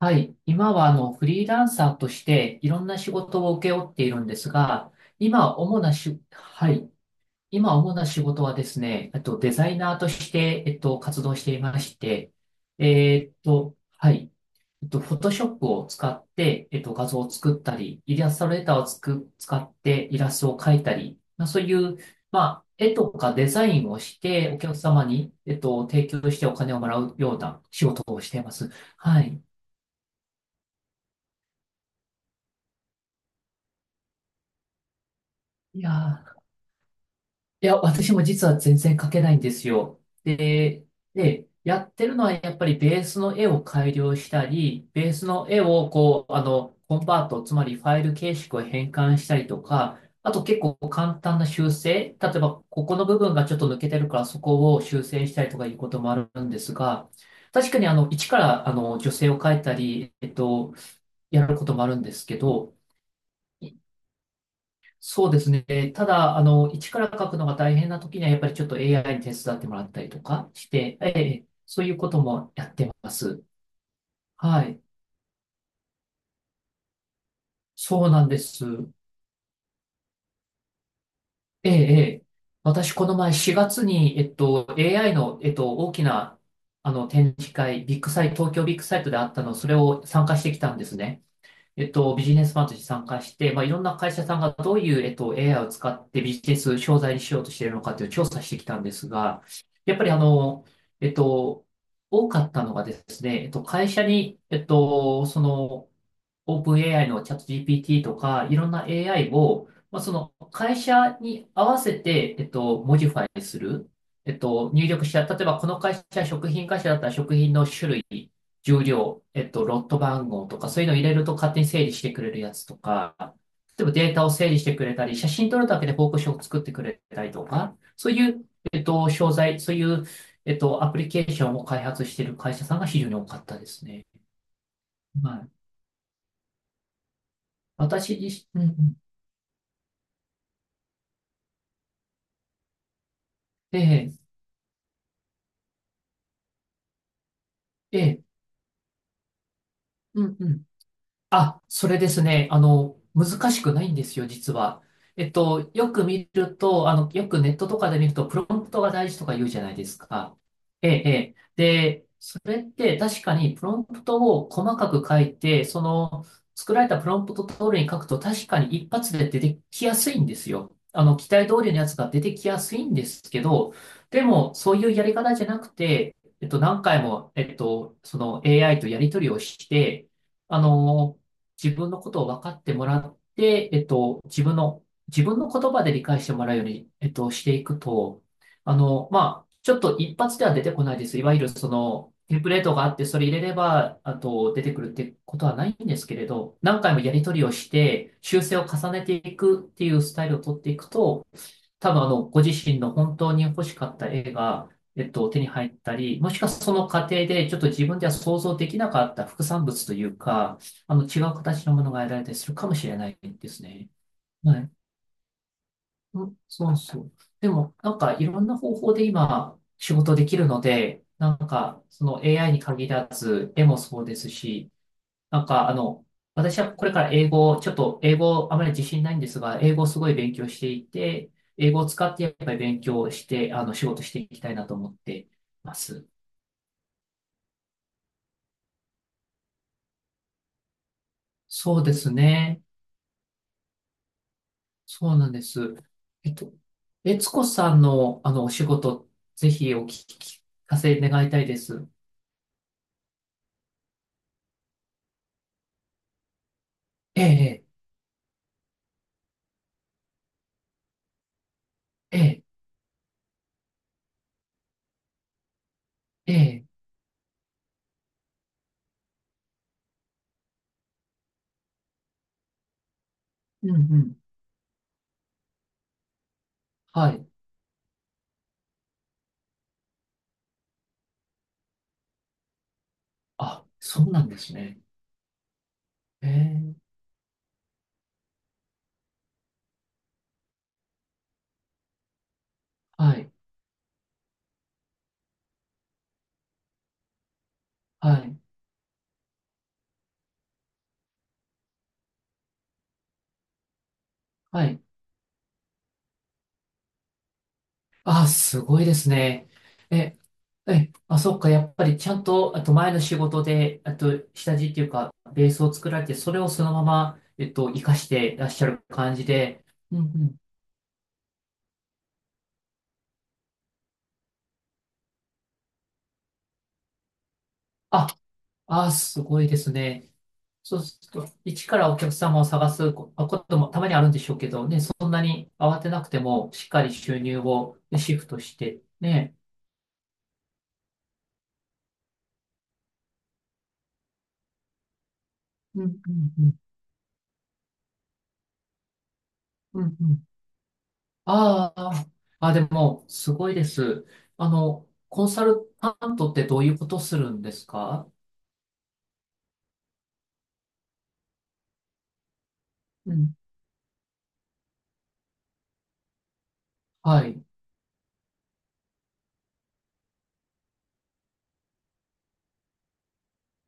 はい。今は、あの、フリーランサーとして、いろんな仕事を請け負っているんですが、今、主なし、はい。今、主な仕事はですね、デザイナーとして、活動していまして、はい。フォトショップを使って、画像を作ったり、イラストレーターを使ってイラストを描いたり、まあ、そういう、まあ、絵とかデザインをして、お客様に、提供してお金をもらうような仕事をしています。はい。いやー、いや、私も実は全然描けないんですよ。で、やってるのはやっぱりベースの絵を改良したり、ベースの絵をこう、あの、コンバート、つまりファイル形式を変換したりとか、あと結構簡単な修正、例えばここの部分がちょっと抜けてるからそこを修正したりとかいうこともあるんですが、確かにあの、一からあの、女性を描いたり、やることもあるんですけど、そうですね。ただ、あの、一から書くのが大変な時には、やっぱりちょっと AI に手伝ってもらったりとかして、ええ、そういうこともやってます。はい。そうなんです。ええ、ええ。私、この前4月に、AI の、大きな、あの、展示会、ビッグサイト、東京ビッグサイトであったの、それを参加してきたんですね。ビジネスファンとして参加して、まあ、いろんな会社さんがどういう、AI を使ってビジネス商材にしようとしているのかという調査してきたんですが、やっぱりあの、えっと、多かったのがですね、会社に、その、オープン AI のチャット GPT とか、いろんな AI を、まあ、その会社に合わせて、モジファイする。入力した、例えばこの会社、食品会社だったら食品の種類、重量、ロット番号とか、そういうのを入れると勝手に整理してくれるやつとか、例えばデータを整理してくれたり、写真撮るだけで報告書を作ってくれたりとか、そういう、商材、そういう、アプリケーションを開発している会社さんが非常に多かったですね。はい。私自身、うん、ええ、ええ、うん、うん。あ、それですね。あの、難しくないんですよ、実は。よく見ると、あの、よくネットとかで見ると、プロンプトが大事とか言うじゃないですか。ええ、ええ。で、それって確かにプロンプトを細かく書いて、その、作られたプロンプト通りに書くと確かに一発で出てきやすいんですよ。あの、期待通りのやつが出てきやすいんですけど、でも、そういうやり方じゃなくて、何回も、その AI とやり取りをして、あの、自分のことを分かってもらって、自分の言葉で理解してもらうように、していくと、あの、まあ、ちょっと一発では出てこないです。いわゆるその、テンプレートがあって、それ入れれば、あと、出てくるってことはないんですけれど、何回もやり取りをして、修正を重ねていくっていうスタイルを取っていくと、多分あの、ご自身の本当に欲しかった絵が、手に入ったり、もしくはその過程でちょっと自分では想像できなかった副産物というか、あの、違う形のものが得られたりするかもしれないですね。はい。うん、そうそう。でも、なんかいろんな方法で今、仕事できるので、なんか、その AI に限らず、絵もそうですし、なんか、あの、私はこれから英語を、ちょっと英語あまり自信ないんですが、英語をすごい勉強していて、英語を使ってやっぱり勉強して、あの、仕事していきたいなと思ってます。そうですね。そうなんです。えっと、悦子さんの、あの、お仕事、ぜひお聞き聞かせ願いたいです。ええ、ええ、ええ、うん、うん。はい。あ、そうなんですね。ええ、はい、はい、はい。あ、すごいですね。え、え、あ、そっか、やっぱりちゃんと、あと前の仕事で、あと下地っていうか、ベースを作られて、それをそのまま、活かしてらっしゃる感じで、うん、うん。あ、あ、すごいですね。そうすると、一からお客様を探すここともたまにあるんでしょうけど、ね、そんなに慌てなくても、しっかり収入をねシフトして、ね。うん、うん、うん。うん、うん。ああ、あ、でも、すごいです。あの、コンサルタントってどういうことするんですか？うん。はい。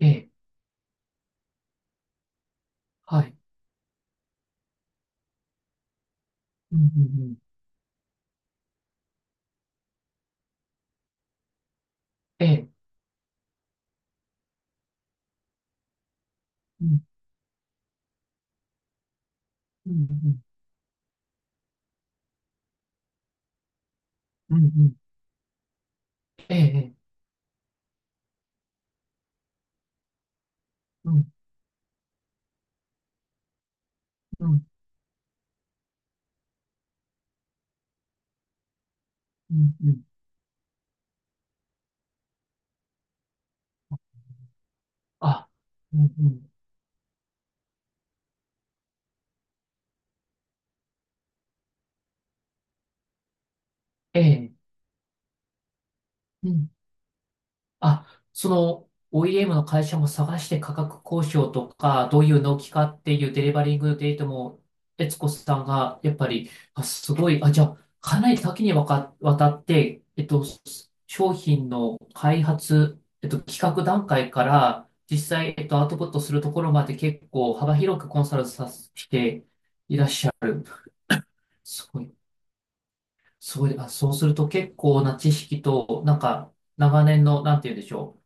ええ。はい。うん、うん、うん。ええ。うん、うん、うん。うん、うん。ええ。うん、うん、うん、うん。あ、うん、うん。ええ。うん。あ、その OEM の会社も探して価格交渉とか、どういう納期かっていうデリバリングデートも、悦子さんがやっぱり、あ、すごい、あ、じゃあ、かなり多岐にわたって、商品の開発、企画段階から、実際、アウトプットするところまで結構幅広くコンサルさせていらっしゃる。すごい、すごい、あ、そうすると結構な知識と、なんか、長年の、なんて言うんでしょう。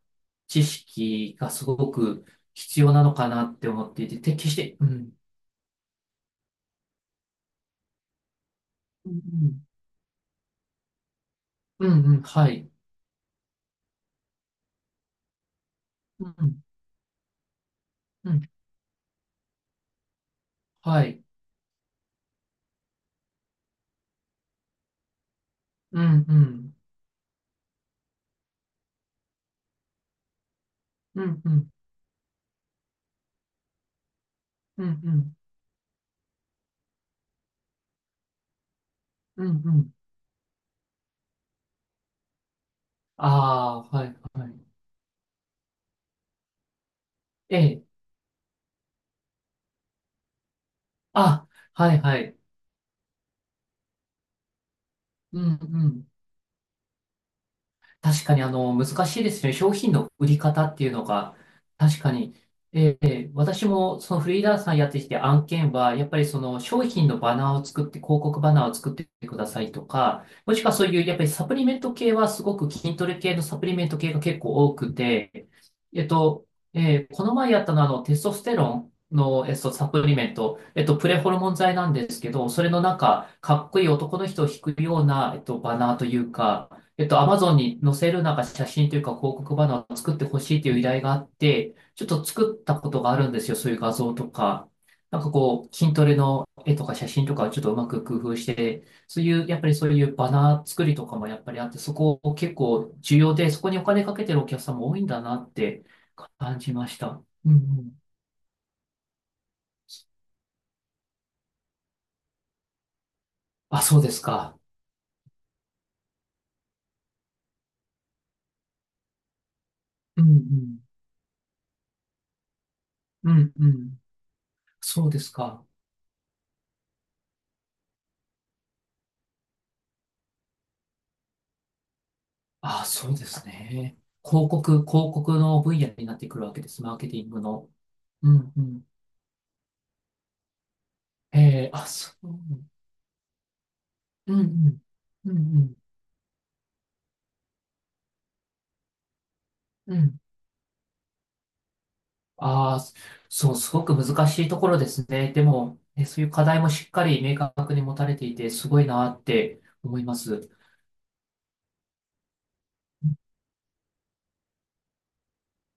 知識がすごく必要なのかなって思っていて、て決して、うん、うん、うん、うん、はい、うん、うん、はい、うん、うん、うん、うん、うん、うん、うん、うん、ああ、はい、はい、ええ、あ、はい、はい、うん、うん、確かにあの難しいですね。商品の売り方っていうのが、確かに、私もそのフリーランスさんやってきて案件は、やっぱりその商品のバナーを作って、広告バナーを作ってくださいとか、もしくはそういうやっぱりサプリメント系はすごく筋トレ系のサプリメント系が結構多くて、えっと、この前やったのはあのテストステロンの、サプリメント、プレホルモン剤なんですけど、それのなんか、かっこいい男の人を引くような、バナーというか、アマゾンに載せるなんか写真というか広告バナーを作ってほしいという依頼があって、ちょっと作ったことがあるんですよ。そういう画像とか。なんかこう、筋トレの絵とか写真とかをちょっとうまく工夫して、そういう、やっぱりそういうバナー作りとかもやっぱりあって、そこを結構重要で、そこにお金かけてるお客さんも多いんだなって感じました。うん、うん。あ、そうですか。うん、うん。うん、うん。そうですか。ああ、そうですね。広告の分野になってくるわけです。マーケティングの。うん、うん。えー、あ、そう。うん、うん。うん、うん。うん。ああ、そう、すごく難しいところですね。でも、え、そういう課題もしっかり明確に持たれていて、すごいなって思います。